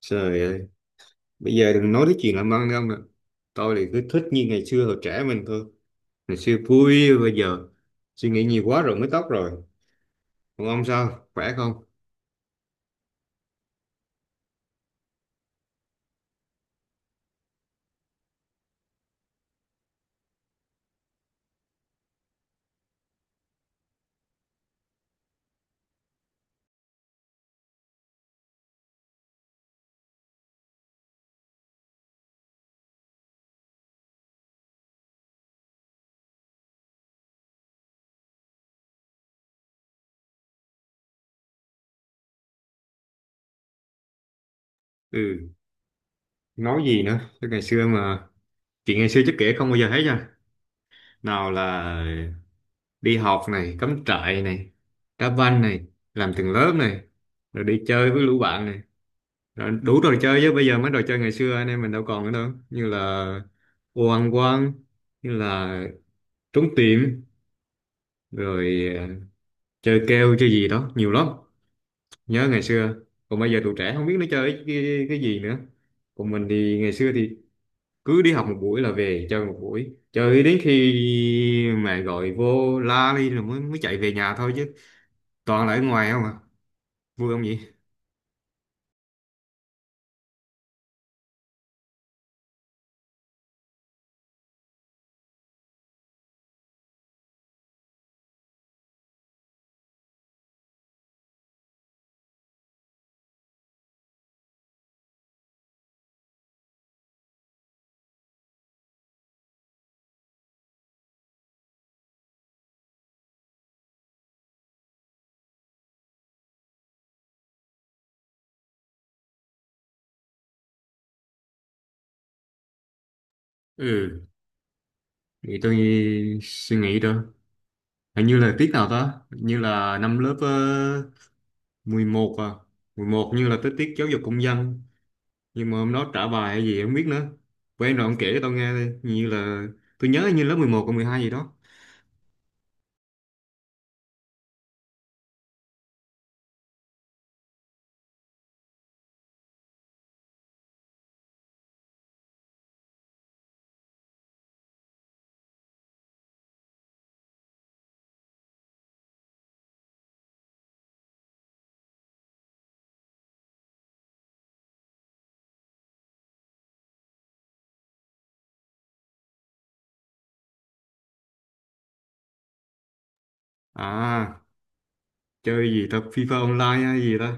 Trời ơi, bây giờ đừng nói đến chuyện làm ăn không nè. Tôi thì cứ thích như ngày xưa hồi trẻ mình thôi. Ngày xưa vui, bây giờ suy nghĩ nhiều quá rồi mới tóc rồi. Còn ông sao? Khỏe không? Ừ, nói gì nữa? Chứ ngày xưa mà Chuyện ngày xưa chắc kể không bao giờ hết nha. Nào là đi học này, cắm trại này, đá banh này, làm từng lớp này, rồi đi chơi với lũ bạn này. Rồi đủ trò chơi, chứ bây giờ mấy trò chơi ngày xưa anh em mình đâu còn nữa đâu. Như là ô ăn quan, như là trốn tìm rồi à, chơi keo chơi gì đó nhiều lắm, nhớ ngày xưa. Còn bây giờ tụi trẻ không biết nó chơi cái gì nữa. Còn mình thì ngày xưa thì cứ đi học một buổi là về chơi một buổi, chơi đến khi mẹ gọi vô la đi rồi mới mới chạy về nhà thôi, chứ toàn là ở ngoài không à. Vui không vậy? Ừ, thì tôi suy nghĩ đó, hình như là tiết nào đó. Hình như là năm lớp uh, 11 à, 11, như là tới tiết giáo dục công dân, nhưng mà hôm đó trả bài hay gì em không biết nữa. Quen rồi, ông kể cho tao nghe đi. Như là tôi nhớ như lớp 11 còn 12 gì đó. À, chơi gì ta, FIFA online hay gì ta?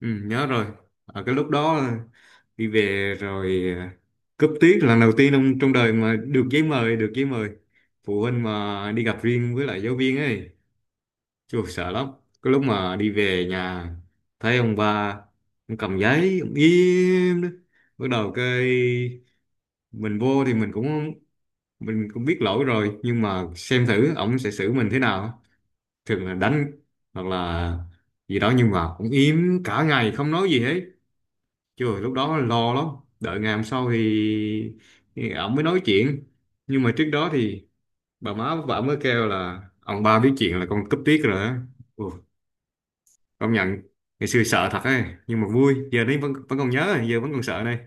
Ừ, nhớ rồi. Ở cái lúc đó đi về rồi à, cúp tiết là lần đầu tiên trong trong đời mà được giấy mời, phụ huynh mà đi gặp riêng với lại giáo viên ấy. Chù, sợ lắm. Cái lúc mà đi về nhà thấy ông ba, ông cầm giấy ông im đó. Bắt đầu cái mình vô thì mình cũng biết lỗi rồi, nhưng mà xem thử ổng sẽ xử mình thế nào. Thường là đánh hoặc là gì đó, nhưng mà ổng im cả ngày không nói gì hết. Trời, lúc đó lo lắm. Đợi ngày hôm sau thì ổng mới nói chuyện. Nhưng mà trước đó thì bà má mới kêu là ông ba biết chuyện là con cúp tiết rồi á. Ồ, công nhận ngày xưa sợ thật ấy, nhưng mà vui. Giờ đấy vẫn vẫn còn nhớ, giờ vẫn còn sợ này.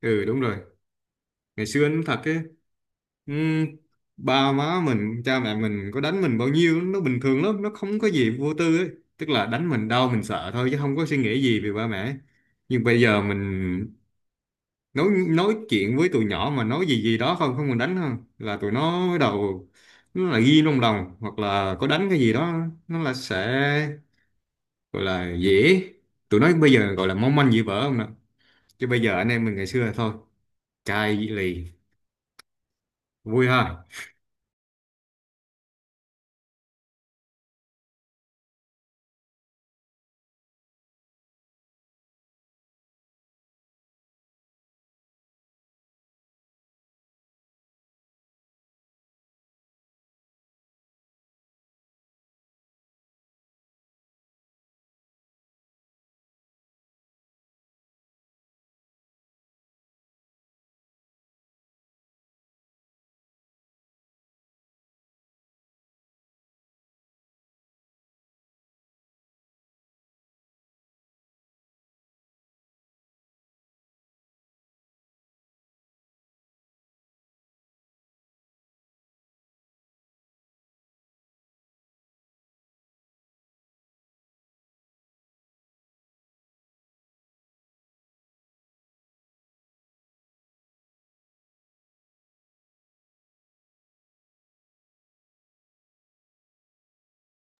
Ừ, đúng rồi, ngày xưa anh thật ấy. Ừ, ba má mình cha mẹ mình có đánh mình bao nhiêu nó bình thường lắm, nó không có gì, vô tư ấy. Tức là đánh mình đau mình sợ thôi, chứ không có suy nghĩ gì về ba mẹ. Nhưng bây giờ mình nói chuyện với tụi nhỏ mà nói gì gì đó không không, mình đánh không là tụi nó bắt đầu, nó là ghi trong lòng. Hoặc là có đánh cái gì đó nó là sẽ gọi là dễ, tụi nó bây giờ gọi là mong manh dễ vỡ không nè. Chứ bây giờ anh em mình ngày xưa là thôi, chai lì. Vui ha.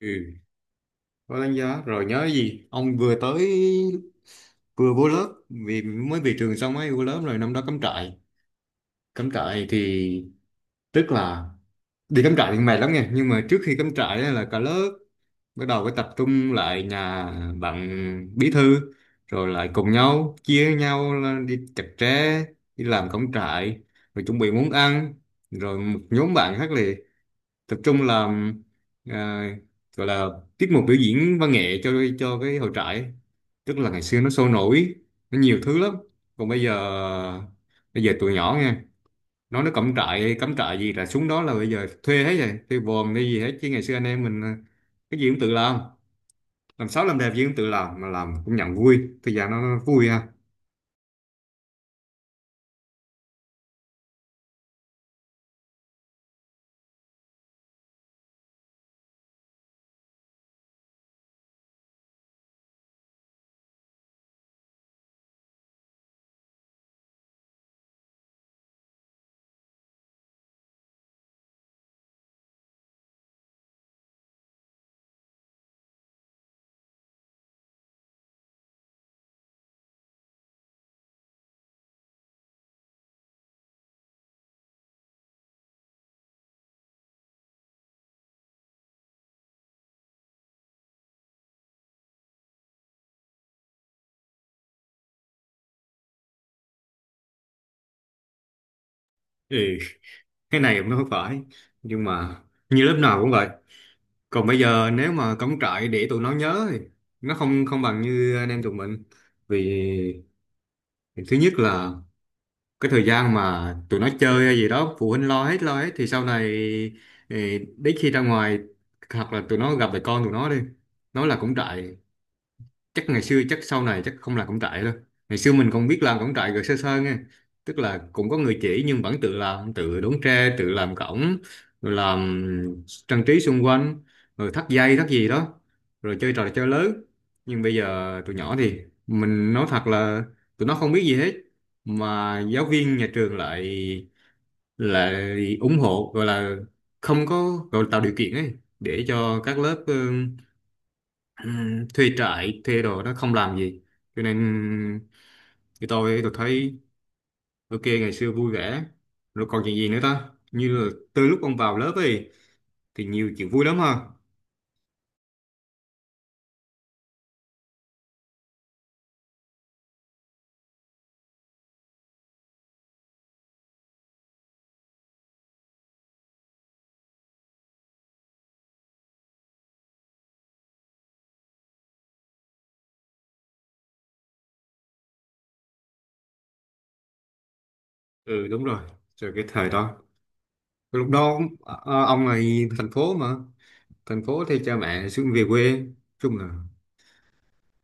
Ừ, có đánh giá rồi nhớ gì. Ông vừa tới, vừa vô lớp vì mới về trường xong ấy, vô lớp rồi năm đó cắm trại. Cắm trại thì Tức là đi cắm trại thì mệt lắm nha, nhưng mà trước khi cắm trại á là cả lớp bắt đầu phải tập trung lại nhà bạn bí thư, rồi lại cùng nhau chia nhau là đi chặt tre, đi làm cắm trại, rồi chuẩn bị món ăn. Rồi một nhóm bạn khác là tập trung làm, à, gọi là tiết mục biểu diễn văn nghệ cho cái hội trại. Tức là ngày xưa nó sôi nổi, nó nhiều thứ lắm. Còn bây giờ, tụi nhỏ nghe nói nó cắm trại, gì là xuống đó là bây giờ thuê hết rồi, thuê vòm hay gì hết. Chứ ngày xưa anh em mình à, cái gì cũng tự làm. Làm xấu làm đẹp gì cũng tự làm, mà làm cũng nhận vui. Thời gian nó vui ha. Ừ, cái này cũng không phải, nhưng mà như lớp nào cũng vậy. Còn bây giờ nếu mà cắm trại để tụi nó nhớ thì nó không không bằng như anh em tụi mình. Vì thứ nhất là cái thời gian mà tụi nó chơi hay gì đó phụ huynh lo hết, lo hết thì sau này, ừ, đến khi ra ngoài hoặc là tụi nó gặp lại con tụi nó đi, nó là cắm trại, chắc ngày xưa, chắc sau này chắc không làm cổng trại đâu. Ngày xưa mình còn biết làm cổng trại rồi sơ sơ nghe. Tức là cũng có người chỉ nhưng vẫn tự làm, tự đốn tre, tự làm cổng, rồi làm trang trí xung quanh, rồi thắt dây thắt gì đó, rồi chơi trò chơi lớn. Nhưng bây giờ tụi nhỏ thì mình nói thật là tụi nó không biết gì hết, mà giáo viên nhà trường lại lại ủng hộ, gọi là không có, gọi là tạo điều kiện ấy, để cho các lớp thuê trại, thuê đồ, nó không làm gì. Cho nên thì tôi thấy ok ngày xưa vui vẻ. Rồi còn chuyện gì nữa ta, như là từ lúc ông vào lớp ấy thì nhiều chuyện vui lắm ha. Ừ, đúng rồi. Rồi cái thời đó, lúc đó, ông là thành phố mà. Thành phố thì cha mẹ xuống về quê. Nói chung là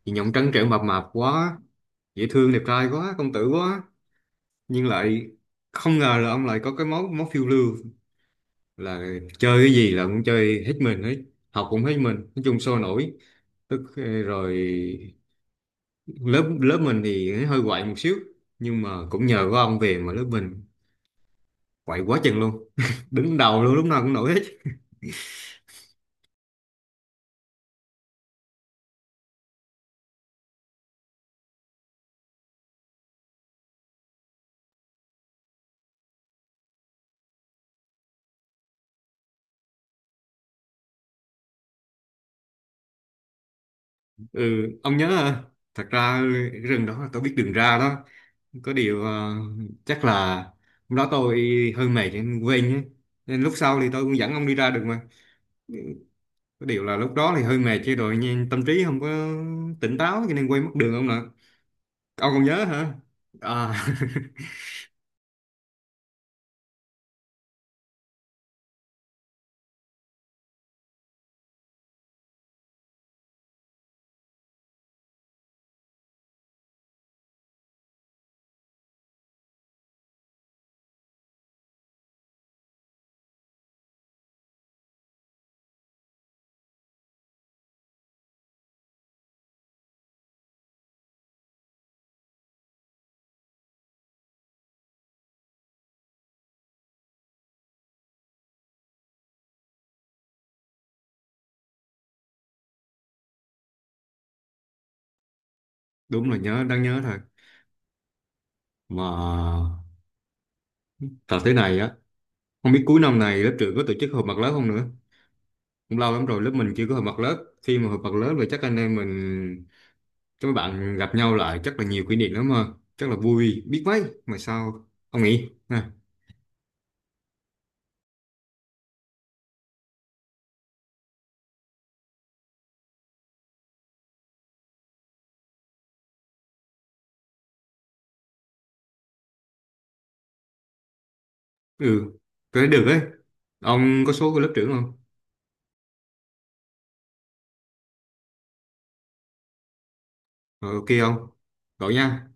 nhìn ông trắng trẻo mập mạp quá, dễ thương, đẹp trai quá, công tử quá, nhưng lại không ngờ là ông lại có cái máu máu phiêu lưu. Là chơi cái gì là cũng chơi hết mình hết, học cũng hết mình. Nói chung sôi nổi. Tức rồi lớp lớp mình thì hơi quậy một xíu, nhưng mà cũng nhờ có ông về mà lớp mình quậy quá chừng luôn đứng đầu luôn, lúc nào cũng nổi hết. Ừ, ông nhớ à, thật ra cái rừng đó là tôi biết đường ra đó. Có điều à, chắc là hôm đó tôi hơi mệt nên quên nhé. Nên lúc sau thì tôi cũng dẫn ông đi ra được mà. Có điều là lúc đó thì hơi mệt chứ rồi, nhưng tâm trí không có tỉnh táo cho nên quên mất đường ông nè. Ông còn nhớ hả? À, đúng là nhớ, đang nhớ thôi. Mà thật thế này á, không biết cuối năm này lớp trưởng có tổ chức họp mặt lớp không nữa. Cũng lâu lắm rồi lớp mình chưa có họp mặt lớp. Khi mà họp mặt lớp rồi chắc anh em mình, các bạn gặp nhau lại chắc là nhiều kỷ niệm lắm mà. Chắc là vui biết mấy. Mà sao, ông nghĩ? À, ừ, có thể được ấy. Ông có số của lớp trưởng không? Ờ, ok không? Gọi nha.